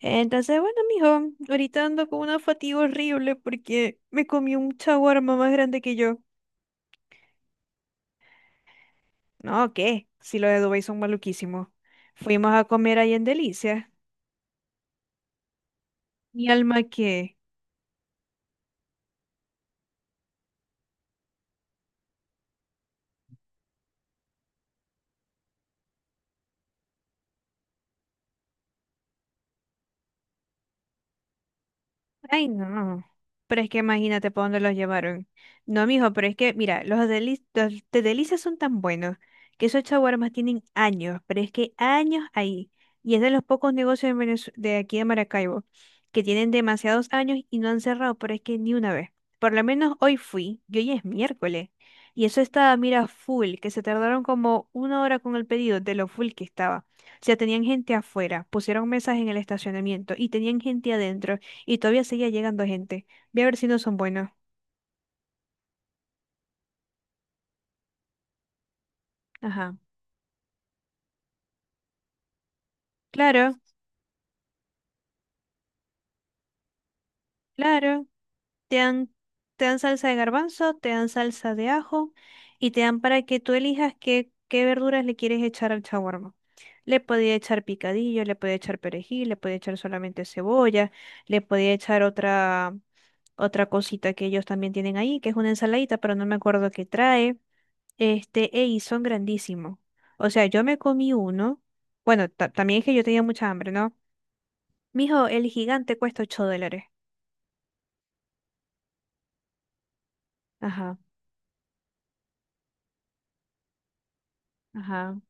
Entonces, bueno, mijo, ahorita ando con una fatiga horrible porque me comí un chaguarma más grande que yo. No, ¿qué? Si los de Dubái son maluquísimos. Fuimos a comer ahí en Delicia. Mi alma, ¿qué? Ay, no. Pero es que imagínate por dónde los llevaron. No, mijo, pero es que, mira, los de delicias son tan buenos que esos chaguarmas tienen años, pero es que años ahí. Y es de los pocos negocios de aquí de Maracaibo que tienen demasiados años y no han cerrado, pero es que ni una vez. Por lo menos hoy fui, y hoy es miércoles. Y eso estaba, mira, full, que se tardaron como una hora con el pedido de lo full que estaba. O sea, tenían gente afuera, pusieron mesas en el estacionamiento y tenían gente adentro. Y todavía seguía llegando gente. Voy a ver si no son buenos. Ajá. Claro, claro. Te dan, te dan salsa de garbanzo, te dan salsa de ajo y te dan para que tú elijas qué, qué verduras le quieres echar al shawarma. Le podía echar picadillo, le podía echar perejil, le podía echar solamente cebolla, le podía echar otra, otra cosita que ellos también tienen ahí, que es una ensaladita, pero no me acuerdo qué trae. Este, ey, son grandísimos. O sea, yo me comí uno. Bueno, también es que yo tenía mucha hambre, ¿no? Mijo, el gigante cuesta 8 dólares. Ajá, ajá.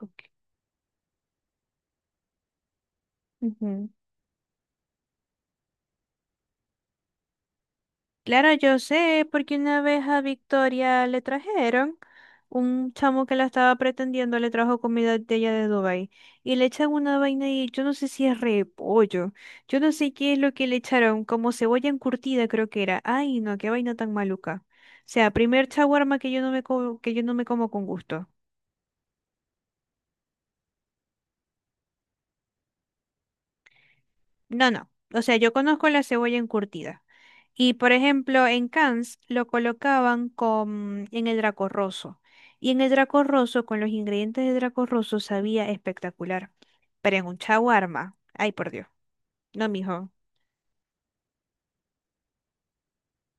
Ok. Ujú. Claro, yo sé, porque una vez a Victoria le trajeron, un chamo que la estaba pretendiendo le trajo comida de ella de Dubái y le echan una vaina y yo no sé si es repollo, yo no sé qué es lo que le echaron, como cebolla encurtida creo que era. Ay, no, qué vaina tan maluca. O sea, primer chaguarma que yo no que yo no me como con gusto. No, no. O sea, yo conozco la cebolla encurtida. Y por ejemplo, en Cannes lo colocaban con, en el Draco Rosso. Y en el Draco Rosso, con los ingredientes de Draco Rosso, sabía espectacular. Pero en un shawarma. Ay, por Dios. No, mijo.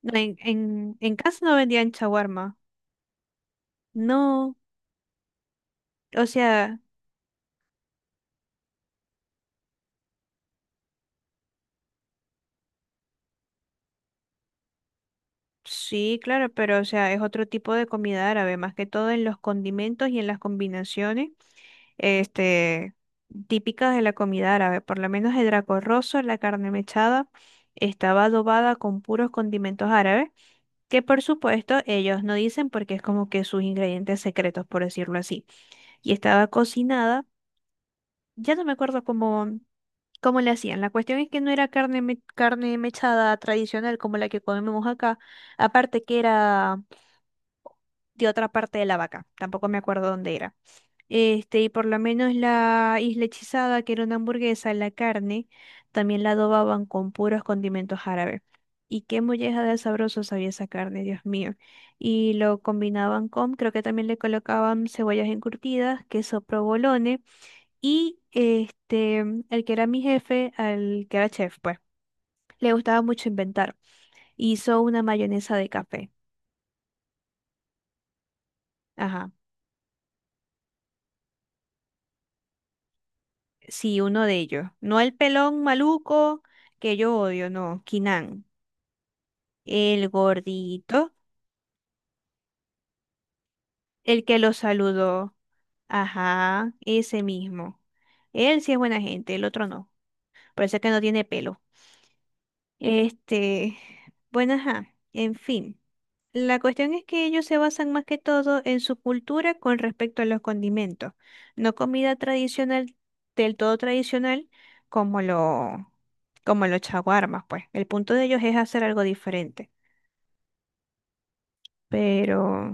No, en Cannes no vendían shawarma. No. O sea, sí, claro, pero o sea, es otro tipo de comida árabe, más que todo en los condimentos y en las combinaciones este, típicas de la comida árabe, por lo menos el draco rosso, la carne mechada, estaba adobada con puros condimentos árabes, que por supuesto ellos no dicen porque es como que sus ingredientes secretos, por decirlo así. Y estaba cocinada, ya no me acuerdo cómo, cómo le hacían. La cuestión es que no era carne, carne mechada tradicional como la que comemos acá, aparte que era de otra parte de la vaca, tampoco me acuerdo dónde era. Este, y por lo menos la isla hechizada, que era una hamburguesa, la carne, también la adobaban con puros condimentos árabes. Y qué molleja de sabroso sabía esa carne, Dios mío. Y lo combinaban con, creo que también le colocaban cebollas encurtidas, queso provolone, y este, el que era mi jefe, al que era chef, pues, le gustaba mucho inventar. Hizo una mayonesa de café. Ajá. Sí, uno de ellos. No el pelón maluco, que yo odio, no, Kinan. El gordito, el que lo saludó. Ajá, ese mismo. Él sí es buena gente, el otro no. Parece que no tiene pelo. Este, bueno, ajá, en fin. La cuestión es que ellos se basan más que todo en su cultura con respecto a los condimentos, no comida tradicional, del todo tradicional, como lo, como los chaguarmas, pues. El punto de ellos es hacer algo diferente. Pero,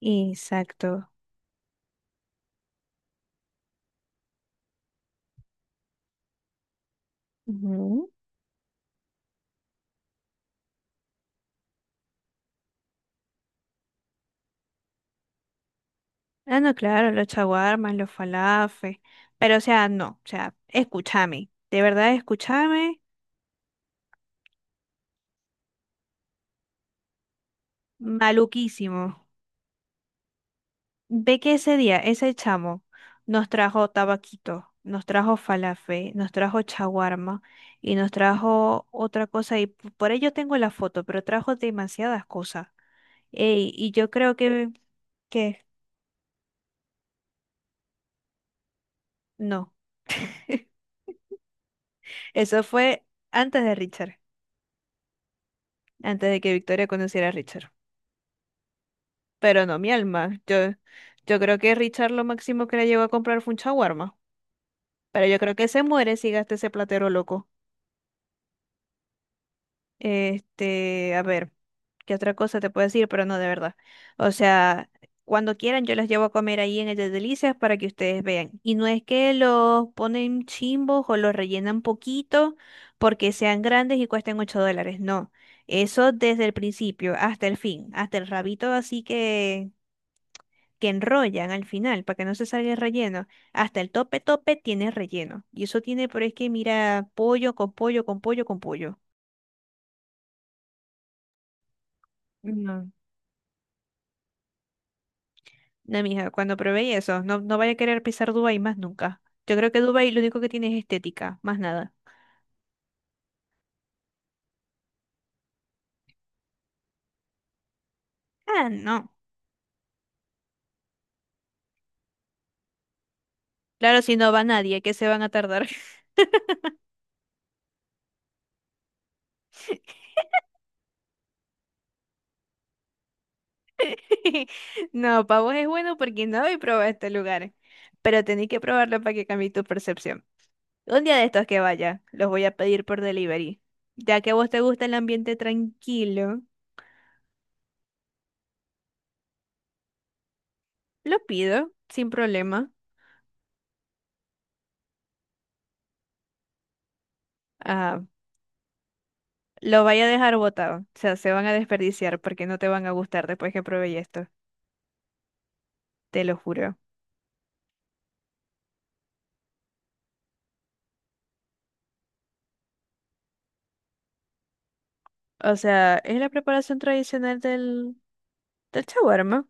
exacto. Ujú. Ah, no, claro, los chaguarmas, los falafes. Pero, o sea, no, o sea, escúchame. De verdad, escúchame. Maluquísimo. Ve que ese día, ese chamo nos trajo tabaquito, nos trajo falafe, nos trajo chaguarma y nos trajo otra cosa. Y por ello tengo la foto, pero trajo demasiadas cosas. Ey, y yo creo que no. Eso fue antes de Richard, antes de que Victoria conociera a Richard. Pero no mi alma. Yo creo que Richard lo máximo que le llegó a comprar fue un shawarma. Pero yo creo que se muere si gasta ese platero loco. Este, a ver, ¿qué otra cosa te puedo decir? Pero no, de verdad. O sea, cuando quieran yo los llevo a comer ahí en el de Delicias para que ustedes vean. Y no es que los ponen chimbos o los rellenan poquito porque sean grandes y cuesten 8 dólares. No. Eso desde el principio hasta el fin, hasta el rabito así que enrollan al final para que no se salga el relleno. Hasta el tope tope tiene relleno. Y eso tiene, pero es que mira, pollo con pollo con pollo con pollo. No. No, mija, cuando probé eso, no, no vaya a querer pisar Dubái más nunca. Yo creo que Dubái lo único que tiene es estética, más nada. Ah, no. Claro, si no va nadie, ¿que se van a tardar? No, para vos es bueno porque no habéis probado este lugar. Pero tenéis que probarlo para que cambie tu percepción. Un día de estos que vaya, los voy a pedir por delivery. Ya que a vos te gusta el ambiente tranquilo, lo pido sin problema. Ah, lo vaya a dejar botado. O sea, se van a desperdiciar porque no te van a gustar después que probé esto. Te lo juro. O sea, es la preparación tradicional del, del shawarma.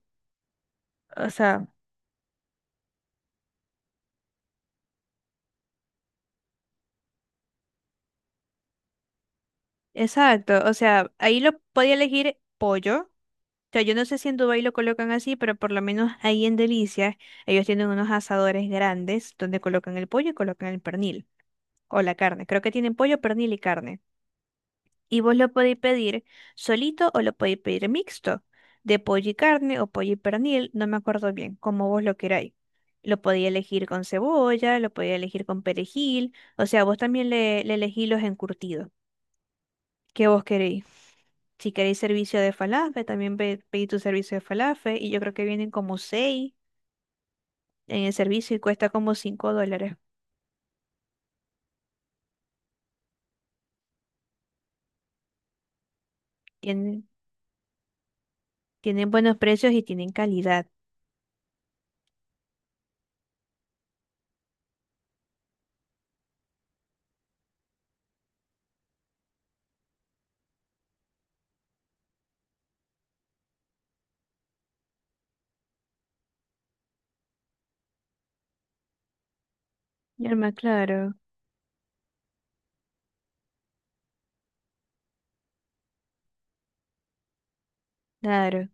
O sea, exacto. O sea, ahí lo podía elegir pollo. O sea, yo no sé si en Dubái lo colocan así, pero por lo menos ahí en Delicias, ellos tienen unos asadores grandes donde colocan el pollo y colocan el pernil. O la carne. Creo que tienen pollo, pernil y carne. Y vos lo podéis pedir solito o lo podéis pedir mixto, de pollo y carne o pollo y pernil, no me acuerdo bien, como vos lo queráis. Lo podéis elegir con cebolla, lo podéis elegir con perejil, o sea, vos también le elegís los encurtidos que vos queréis. Si queréis servicio de falafel, también pedí tu servicio de falafel y yo creo que vienen como seis en el servicio y cuesta como cinco dólares. Tienen, tienen buenos precios y tienen calidad. Norma, claro, claro.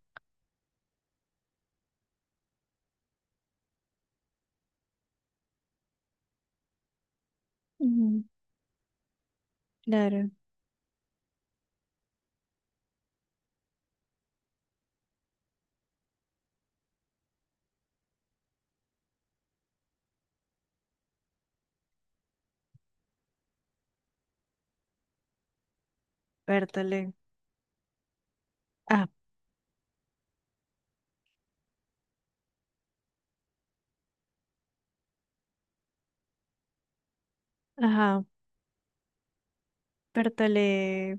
Ujú, claro, Bertale. Ah, ajá, Bertale.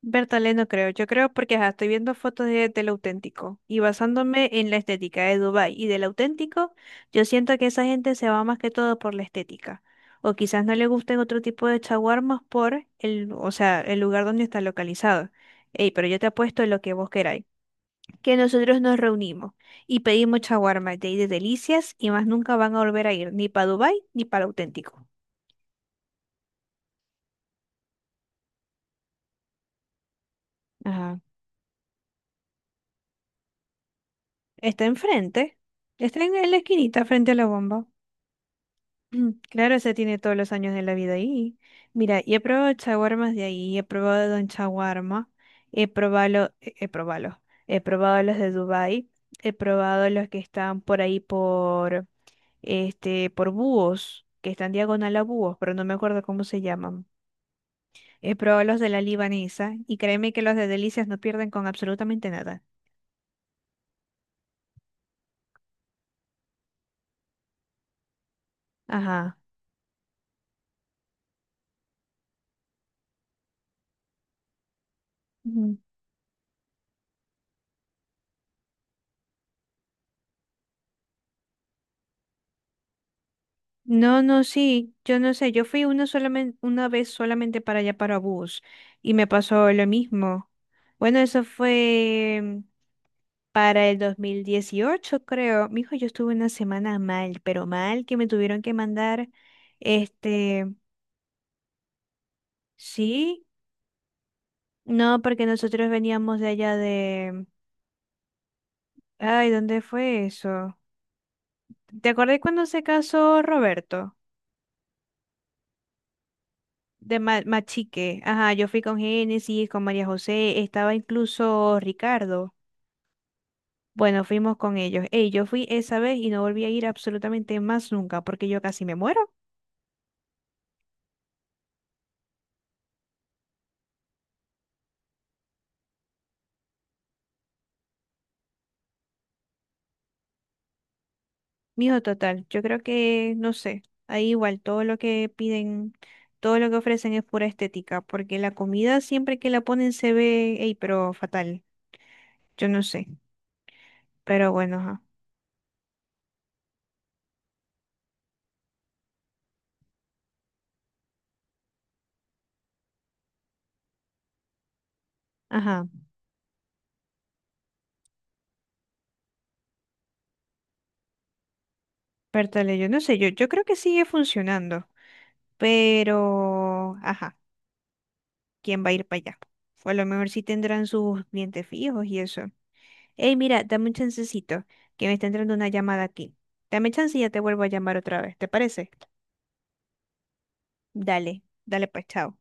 Bertale no creo. Yo creo porque ajá, estoy viendo fotos de, del auténtico y basándome en la estética de Dubái y del auténtico, yo siento que esa gente se va más que todo por la estética. O quizás no le gusten otro tipo de chaguarmas por el, o sea, el lugar donde está localizado. Ey, pero yo te apuesto lo que vos queráis. Que nosotros nos reunimos y pedimos chaguarmas de ahí de delicias y más nunca van a volver a ir ni para Dubái ni para el auténtico. Está enfrente. Está en la esquinita frente a la bomba. Mm, claro, se tiene todos los años de la vida ahí. Mira, y he probado chaguarmas de ahí, he probado Don Chaguarma, he probado, he probado, he probado los de Dubai, he probado los que están por ahí por, este, por búhos, que están diagonal a búhos, pero no me acuerdo cómo se llaman. He probado los de la libanesa y créeme que los de delicias no pierden con absolutamente nada. Ajá. Ujú. No, no, sí, yo no sé, yo fui una solamente, una vez solamente para allá para bus y me pasó lo mismo. Bueno, eso fue para el 2018, creo. Mijo, yo estuve una semana mal, pero mal que me tuvieron que mandar, este, sí, no, porque nosotros veníamos de allá de, ay, ¿dónde fue eso? ¿Te acordás cuando se casó Roberto? De Machique, ajá, yo fui con Génesis, con María José, estaba incluso Ricardo. Bueno, fuimos con ellos. Ey, yo fui esa vez y no volví a ir absolutamente más nunca porque yo casi me muero. Mijo, total, yo creo que, no sé, ahí igual todo lo que piden, todo lo que ofrecen es pura estética, porque la comida siempre que la ponen se ve, ey, pero fatal. Yo no sé, pero bueno, ajá. Ajá, pértale, yo no sé, yo creo que sigue funcionando, pero, ajá. ¿Quién va a ir para allá? O a lo mejor sí tendrán sus clientes fijos y eso. Ey, mira, dame un chancecito, que me está entrando una llamada aquí. Dame chance y ya te vuelvo a llamar otra vez, ¿te parece? Dale, dale pues, chao.